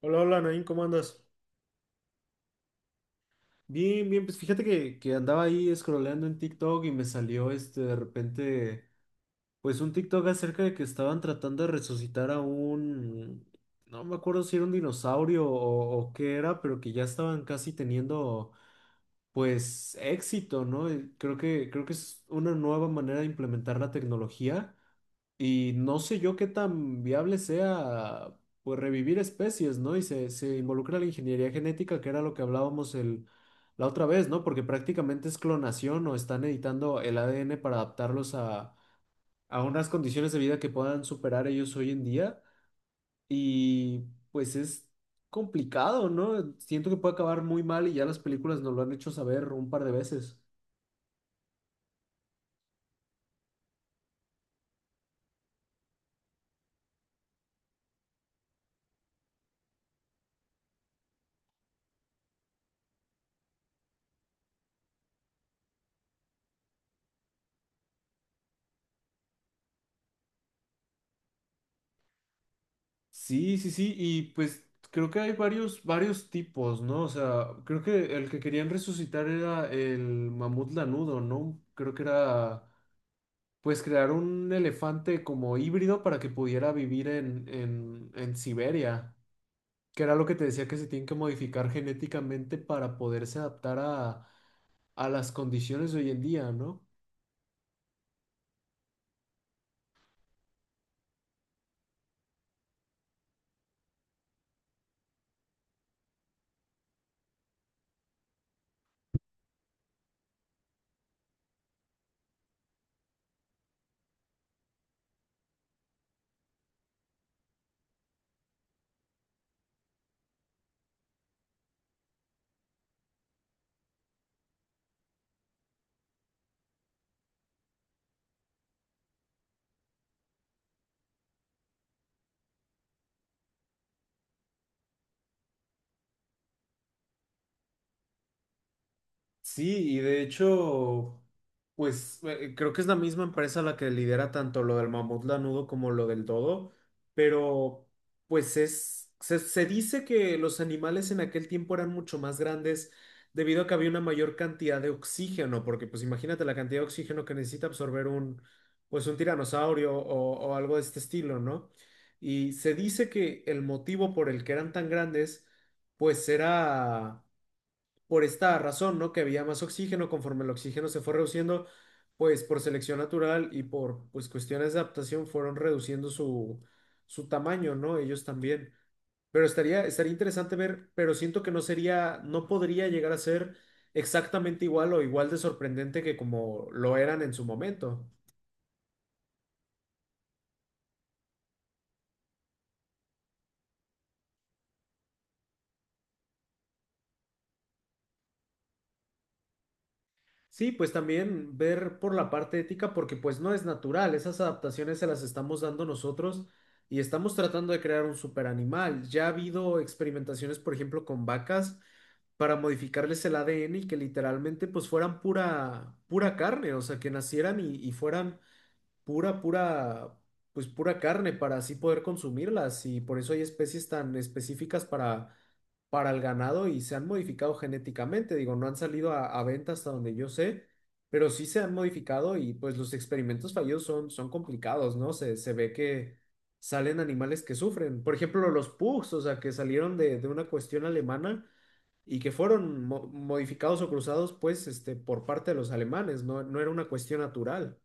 Hola, hola, Nain, ¿cómo andas? Bien, bien, pues fíjate que andaba ahí scrolleando en TikTok y me salió este de repente, pues un TikTok acerca de que estaban tratando de resucitar a un, no me acuerdo si era un dinosaurio o qué era, pero que ya estaban casi teniendo pues éxito, ¿no? Y creo que es una nueva manera de implementar la tecnología. Y no sé yo qué tan viable sea pues revivir especies, ¿no? Y se involucra la ingeniería genética, que era lo que hablábamos el, la otra vez, ¿no? Porque prácticamente es clonación o están editando el ADN para adaptarlos a unas condiciones de vida que puedan superar ellos hoy en día. Y pues es complicado, ¿no? Siento que puede acabar muy mal y ya las películas nos lo han hecho saber un par de veces. Sí, sí, sí, y pues creo que hay varios tipos, ¿no? O sea, creo que el que querían resucitar era el mamut lanudo, ¿no? Creo que era, pues, crear un elefante como híbrido para que pudiera vivir en Siberia, que era lo que te decía que se tienen que modificar genéticamente para poderse adaptar a las condiciones de hoy en día, ¿no? Sí, y de hecho, pues creo que es la misma empresa la que lidera tanto lo del mamut lanudo como lo del dodo, pero pues es, se dice que los animales en aquel tiempo eran mucho más grandes debido a que había una mayor cantidad de oxígeno, porque pues imagínate la cantidad de oxígeno que necesita absorber un, pues un tiranosaurio o algo de este estilo, ¿no? Y se dice que el motivo por el que eran tan grandes, pues era por esta razón, ¿no? Que había más oxígeno, conforme el oxígeno se fue reduciendo, pues por selección natural y por pues cuestiones de adaptación fueron reduciendo su, su tamaño, ¿no? Ellos también. Pero estaría interesante ver, pero siento que no sería, no podría llegar a ser exactamente igual o igual de sorprendente que como lo eran en su momento. Sí, pues también ver por la parte ética, porque pues no es natural, esas adaptaciones se las estamos dando nosotros y estamos tratando de crear un super animal. Ya ha habido experimentaciones, por ejemplo, con vacas para modificarles el ADN y que literalmente pues fueran pura, pura carne, o sea, que nacieran y fueran pura, pura, pues pura carne para así poder consumirlas y por eso hay especies tan específicas para el ganado y se han modificado genéticamente. Digo, no han salido a venta hasta donde yo sé, pero sí se han modificado y pues los experimentos fallidos son complicados, ¿no? Se ve que salen animales que sufren. Por ejemplo, los pugs, o sea, que salieron de una cuestión alemana y que fueron modificados o cruzados, pues, este, por parte de los alemanes, no, no era una cuestión natural.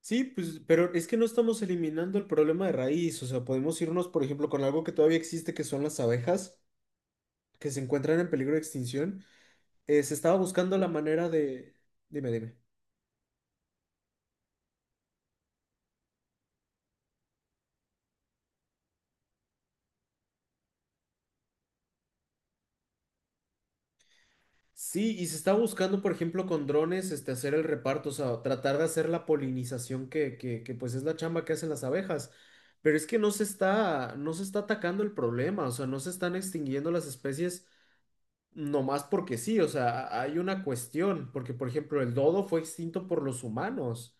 Sí, pues, pero es que no estamos eliminando el problema de raíz, o sea, podemos irnos, por ejemplo, con algo que todavía existe, que son las abejas, que se encuentran en peligro de extinción. Se estaba buscando la manera de... Dime, dime. Sí, y se está buscando, por ejemplo, con drones, este, hacer el reparto, o sea, tratar de hacer la polinización pues es la chamba que hacen las abejas. Pero es que no se está atacando el problema, o sea, no se están extinguiendo las especies nomás porque sí, o sea, hay una cuestión, porque por ejemplo, el dodo fue extinto por los humanos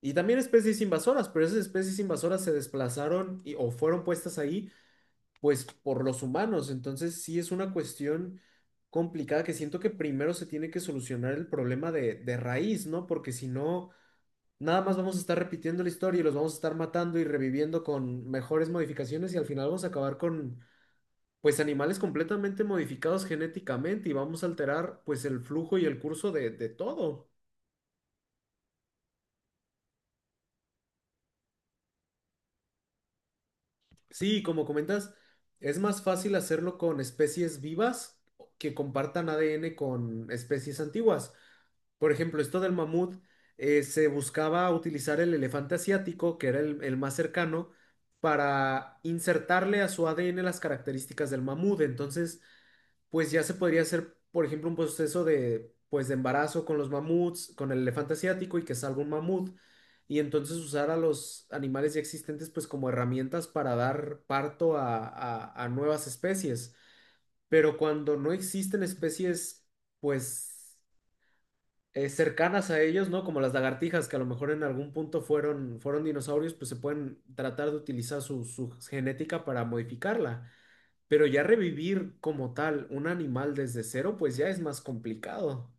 y también especies invasoras, pero esas especies invasoras se desplazaron o fueron puestas ahí pues por los humanos. Entonces sí es una cuestión complicada que siento que primero se tiene que solucionar el problema de raíz, ¿no? Porque si no, nada más vamos a estar repitiendo la historia y los vamos a estar matando y reviviendo con mejores modificaciones y al final vamos a acabar con, pues, animales completamente modificados genéticamente y vamos a alterar, pues, el flujo y el curso de todo. Sí, como comentas, es más fácil hacerlo con especies vivas que compartan ADN con especies antiguas. Por ejemplo, esto del mamut, se buscaba utilizar el elefante asiático, que era el más cercano, para insertarle a su ADN las características del mamut. Entonces, pues ya se podría hacer, por ejemplo, un proceso de, pues, de embarazo con los mamuts, con el elefante asiático y que salga un mamut. Y entonces usar a los animales ya existentes, pues, como herramientas para dar parto a, a nuevas especies. Pero cuando no existen especies, pues cercanas a ellos, ¿no? Como las lagartijas, que a lo mejor en algún punto fueron dinosaurios, pues se pueden tratar de utilizar su, su genética para modificarla. Pero ya revivir como tal un animal desde cero, pues ya es más complicado.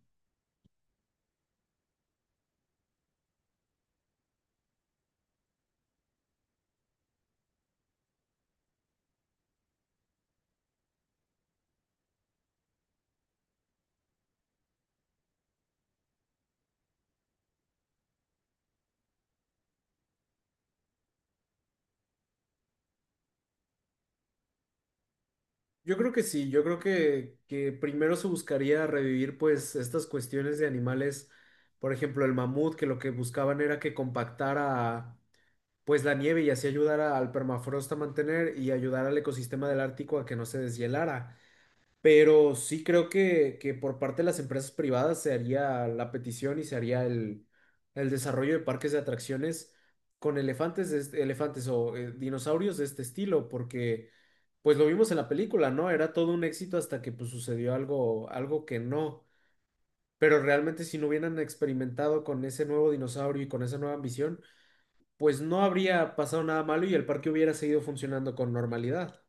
Yo creo que sí, yo creo que primero se buscaría revivir pues estas cuestiones de animales, por ejemplo el mamut, que lo que buscaban era que compactara pues la nieve y así ayudara al permafrost a mantener y ayudar al ecosistema del Ártico a que no se deshielara. Pero sí creo que por parte de las empresas privadas se haría la petición y se haría el desarrollo de parques de atracciones con elefantes, de elefantes o dinosaurios de este estilo, porque pues lo vimos en la película, ¿no? Era todo un éxito hasta que pues sucedió algo, algo que no. Pero realmente si no hubieran experimentado con ese nuevo dinosaurio y con esa nueva ambición, pues no habría pasado nada malo y el parque hubiera seguido funcionando con normalidad.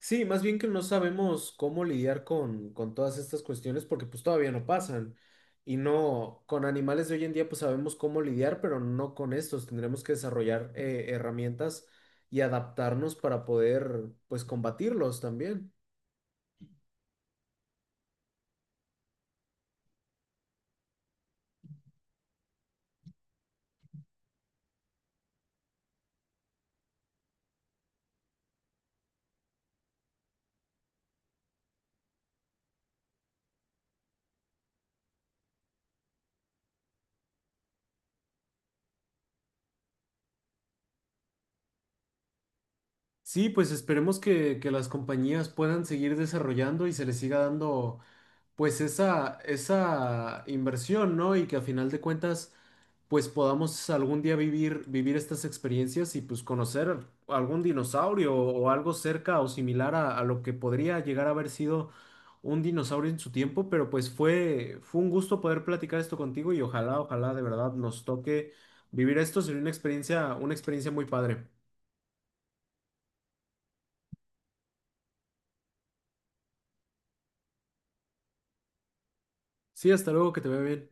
Sí, más bien que no sabemos cómo lidiar con todas estas cuestiones porque pues todavía no pasan. Y no, con animales de hoy en día pues sabemos cómo lidiar, pero no con estos. Tendremos que desarrollar herramientas y adaptarnos para poder pues combatirlos también. Sí, pues esperemos que las compañías puedan seguir desarrollando y se les siga dando pues esa inversión, ¿no? Y que a final de cuentas, pues podamos algún día vivir, vivir estas experiencias y pues conocer algún dinosaurio o algo cerca o similar a lo que podría llegar a haber sido un dinosaurio en su tiempo, pero pues fue, fue un gusto poder platicar esto contigo y ojalá, ojalá de verdad nos toque vivir esto, sería una experiencia muy padre. Sí, hasta luego, que te vea bien.